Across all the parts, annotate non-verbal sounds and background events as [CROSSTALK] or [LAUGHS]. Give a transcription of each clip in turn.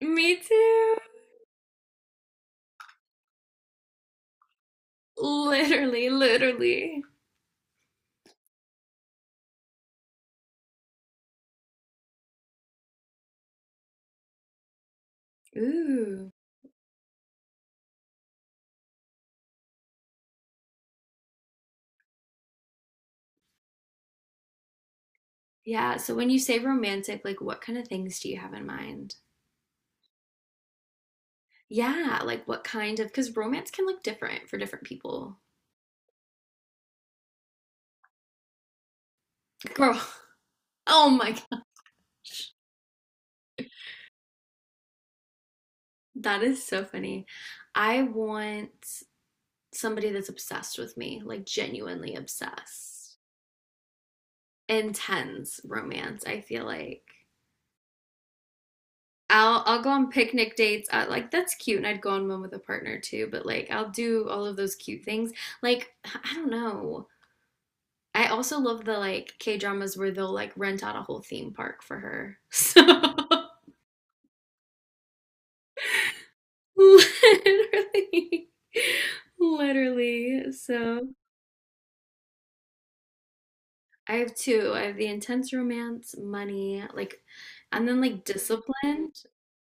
Me too. Literally, literally. Ooh. Yeah, so when you say romantic, like what kind of things do you have in mind? Yeah, like what kind of, because romance can look different for different people. Girl, [LAUGHS] oh my God, that is so funny. I want somebody that's obsessed with me, like genuinely obsessed. Intense romance, I feel like. I'll go on picnic dates. I, like that's cute, and I'd go on one with a partner too. But like I'll do all of those cute things. Like I don't know. I also love the like K dramas where they'll like rent out a whole theme park for her. So [LAUGHS] literally, literally. So I have two. I have the intense romance, money, like, and then like disciplined.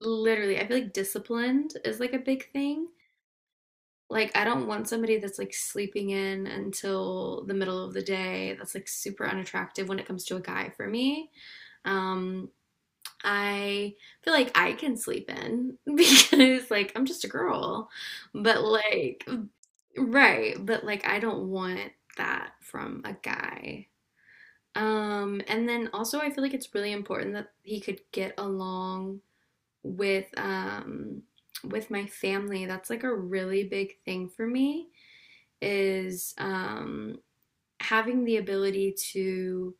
Literally, I feel like disciplined is like a big thing. Like, I don't want somebody that's like sleeping in until the middle of the day. That's like super unattractive when it comes to a guy for me. Um, I feel like I can sleep in [LAUGHS] because like I'm just a girl. But like right, but like I don't want that from a guy. And then also I feel like it's really important that he could get along with um with my family. That's like a really big thing for me is having the ability to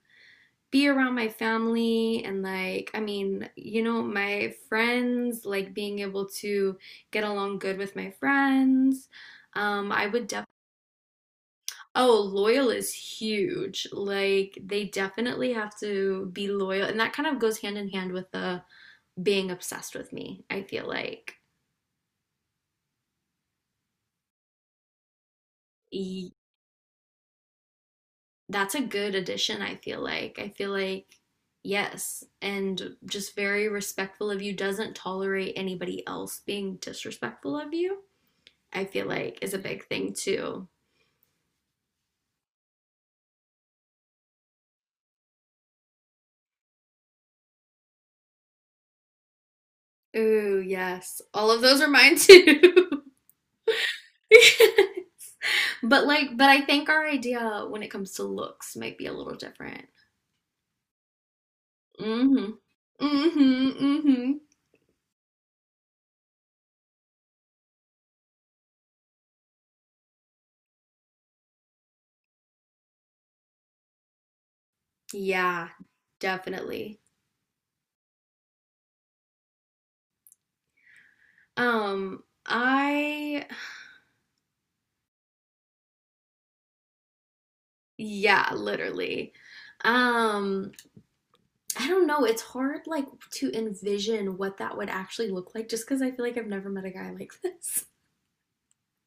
be around my family and like I mean my friends, like being able to get along good with my friends, I would definitely. Oh, loyal is huge, like they definitely have to be loyal, and that kind of goes hand in hand with the being obsessed with me, I feel like. That's a good addition, I feel like. I feel like, yes, and just very respectful of you, doesn't tolerate anybody else being disrespectful of you, I feel like is a big thing too. Ooh, yes. All of those are mine too. [LAUGHS] But like, but I think our idea when it comes to looks might be a little different. Mm hmm. Mm hmm. Mm hmm. Yeah, definitely. Um, I, yeah, literally. Um, I don't know. It's hard, like, to envision what that would actually look like just because I feel like I've never met a guy like this.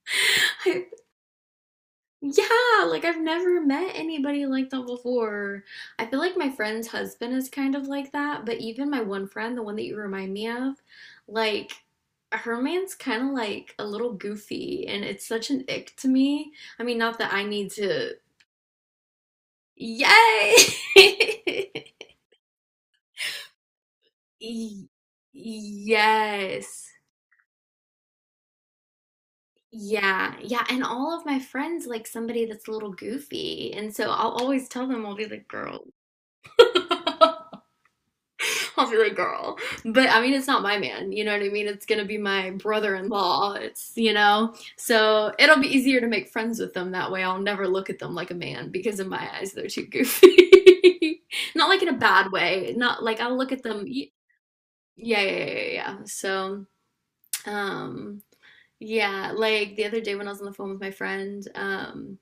[LAUGHS] I, yeah, like, I've never met anybody like that before. I feel like my friend's husband is kind of like that, but even my one friend, the one that you remind me of, like, her man's kind of like a little goofy, and it's such an ick to me. I mean, not that I need to. Yay! [LAUGHS] Yes. Yeah, yeah, and all of my friends like somebody that's a little goofy, and so I'll always tell them, I'll be like, girl. [LAUGHS] I'll be like, girl. But I mean, it's not my man, you know what I mean? It's gonna be my brother-in-law. It's, you know, so it'll be easier to make friends with them that way. I'll never look at them like a man because in my eyes they're too goofy. [LAUGHS] Not like in a bad way. Not like I'll look at them. Y- Yeah, yeah, yeah, yeah, yeah. So, um, yeah, like the other day when I was on the phone with my friend,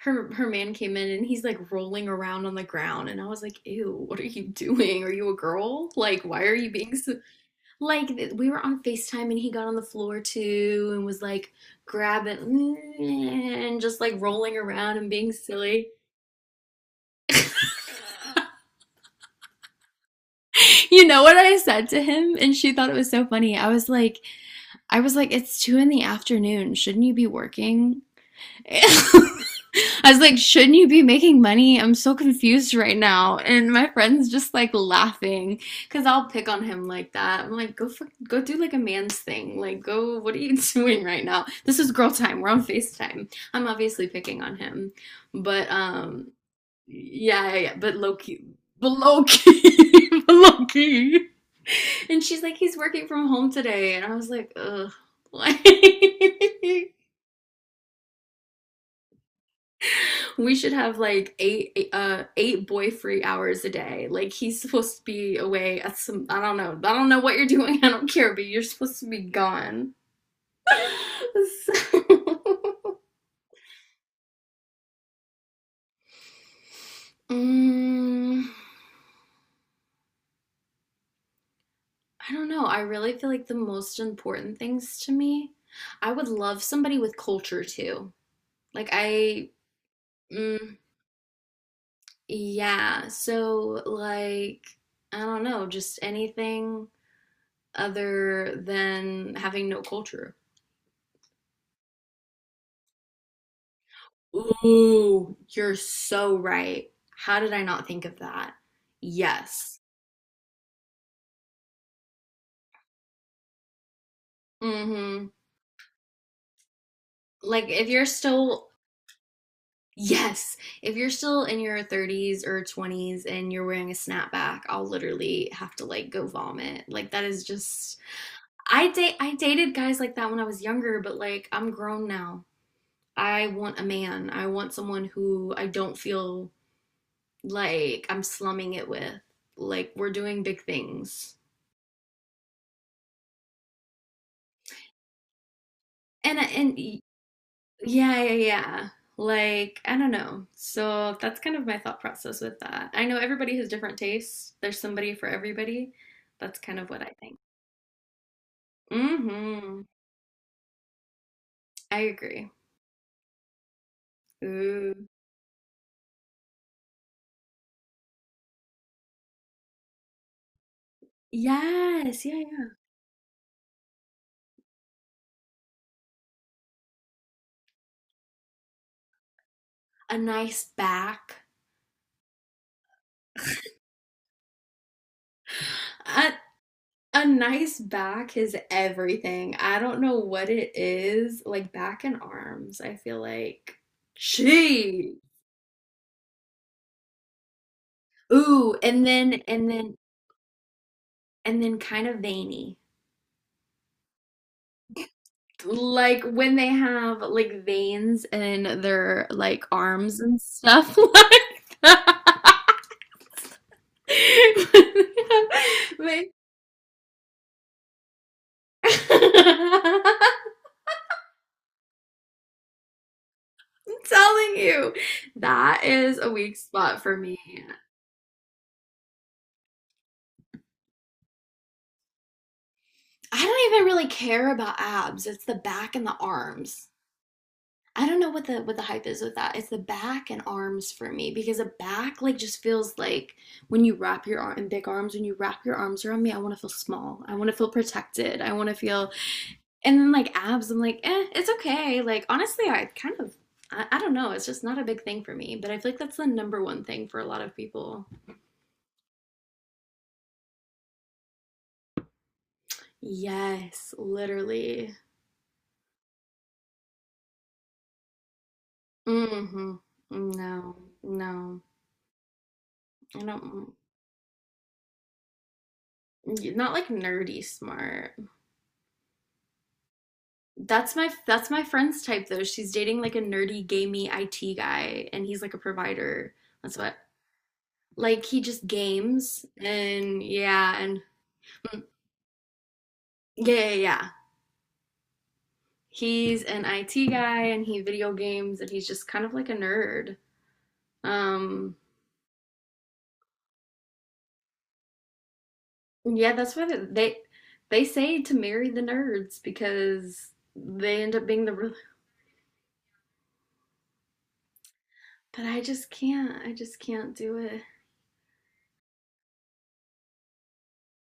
her man came in and he's like rolling around on the ground and I was like, "Ew, what are you doing? Are you a girl? Like, why are you being so like we were on FaceTime and he got on the floor too and was like grabbing [LAUGHS] and just like rolling around and being silly." [LAUGHS] You know what I said to him? And she thought it was so funny. I was like, it's two in the afternoon. Shouldn't you be working? [LAUGHS] I was like, shouldn't you be making money? I'm so confused right now. And my friend's just like laughing because I'll pick on him like that. I'm like, go for, go do like a man's thing. Like, go, what are you [LAUGHS] doing right now? This is girl time. We're on FaceTime. I'm obviously picking on him. But yeah, yeah, yeah, but low key, [LAUGHS] but low key. And she's like, he's working from home today. And I was like, ugh, [LAUGHS] like we should have like eight eight boy free hours a day. Like he's supposed to be away at some I don't know. I don't know what you're doing. [LAUGHS] I don't care, but you're supposed to be gone. [LAUGHS] So, [LAUGHS] mm, I don't know. I really feel like the most important things to me. I would love somebody with culture too. Like I mm, yeah. So like I don't know, just anything other than having no culture. Ooh, you're so right. How did I not think of that? Yes. Mm-hmm. Like if you're still, yes, if you're still in your 30s or 20s and you're wearing a snapback, I'll literally have to like go vomit. Like that is just I dated guys like that when I was younger, but like I'm grown now. I want a man. I want someone who I don't feel like I'm slumming it with. Like we're doing big things. And yeah, yeah, yeah. Like, I don't know. So that's kind of my thought process with that. I know everybody has different tastes. There's somebody for everybody. That's kind of what I think. Mm-hmm. I agree. Ooh. Yes, yeah, yeah. A nice back. A, a nice back is everything. I don't know what it is. Like back and arms, I feel like she. Ooh, and then and then kind of veiny. Like when they have like veins in their like arms and stuff like that. [LAUGHS] Like- [LAUGHS] I'm telling you, that is a weak spot for me. I don't even really care about abs. It's the back and the arms. I don't know what the hype is with that. It's the back and arms for me because the back like just feels like when you wrap your arm in big arms, when you wrap your arms around me, I want to feel small. I want to feel protected. I want to feel and then like abs, I'm like, eh, it's okay. Like honestly, I kind of, I don't know. It's just not a big thing for me. But I feel like that's the number one thing for a lot of people. Yes, literally. Mm-hmm. No, no, I don't. Mm, not like nerdy smart. That's my friend's type though. She's dating like a nerdy gamey IT guy, and he's like a provider. That's what. Like he just games and yeah and. Mm, yeah, yeah, yeah. He's an IT guy and he video games and he's just kind of like a nerd. Um, yeah, that's why say to marry the nerds because they end up being the real. But I just can't. I just can't do it.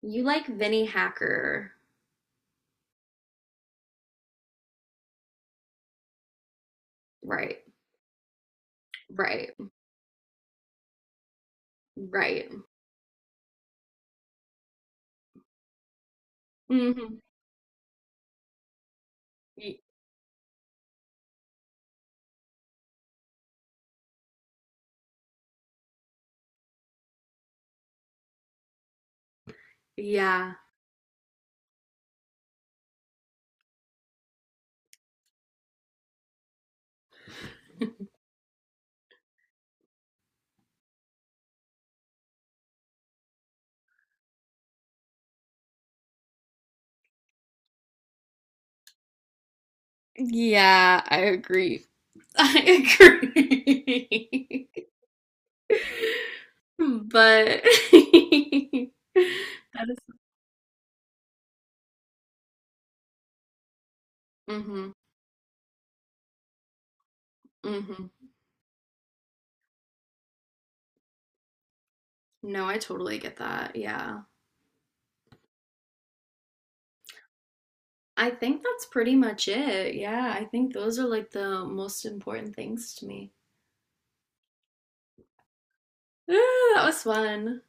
You like Vinnie Hacker, right? Right. Right. Mm-hmm. Yeah. Yeah, I agree. I agree. [LAUGHS] but [LAUGHS] is- mhm. Hmm. No, I totally get that. Yeah. I think that's pretty much it. Yeah, I think those are like the most important things to me. [SIGHS] Ah, that was fun.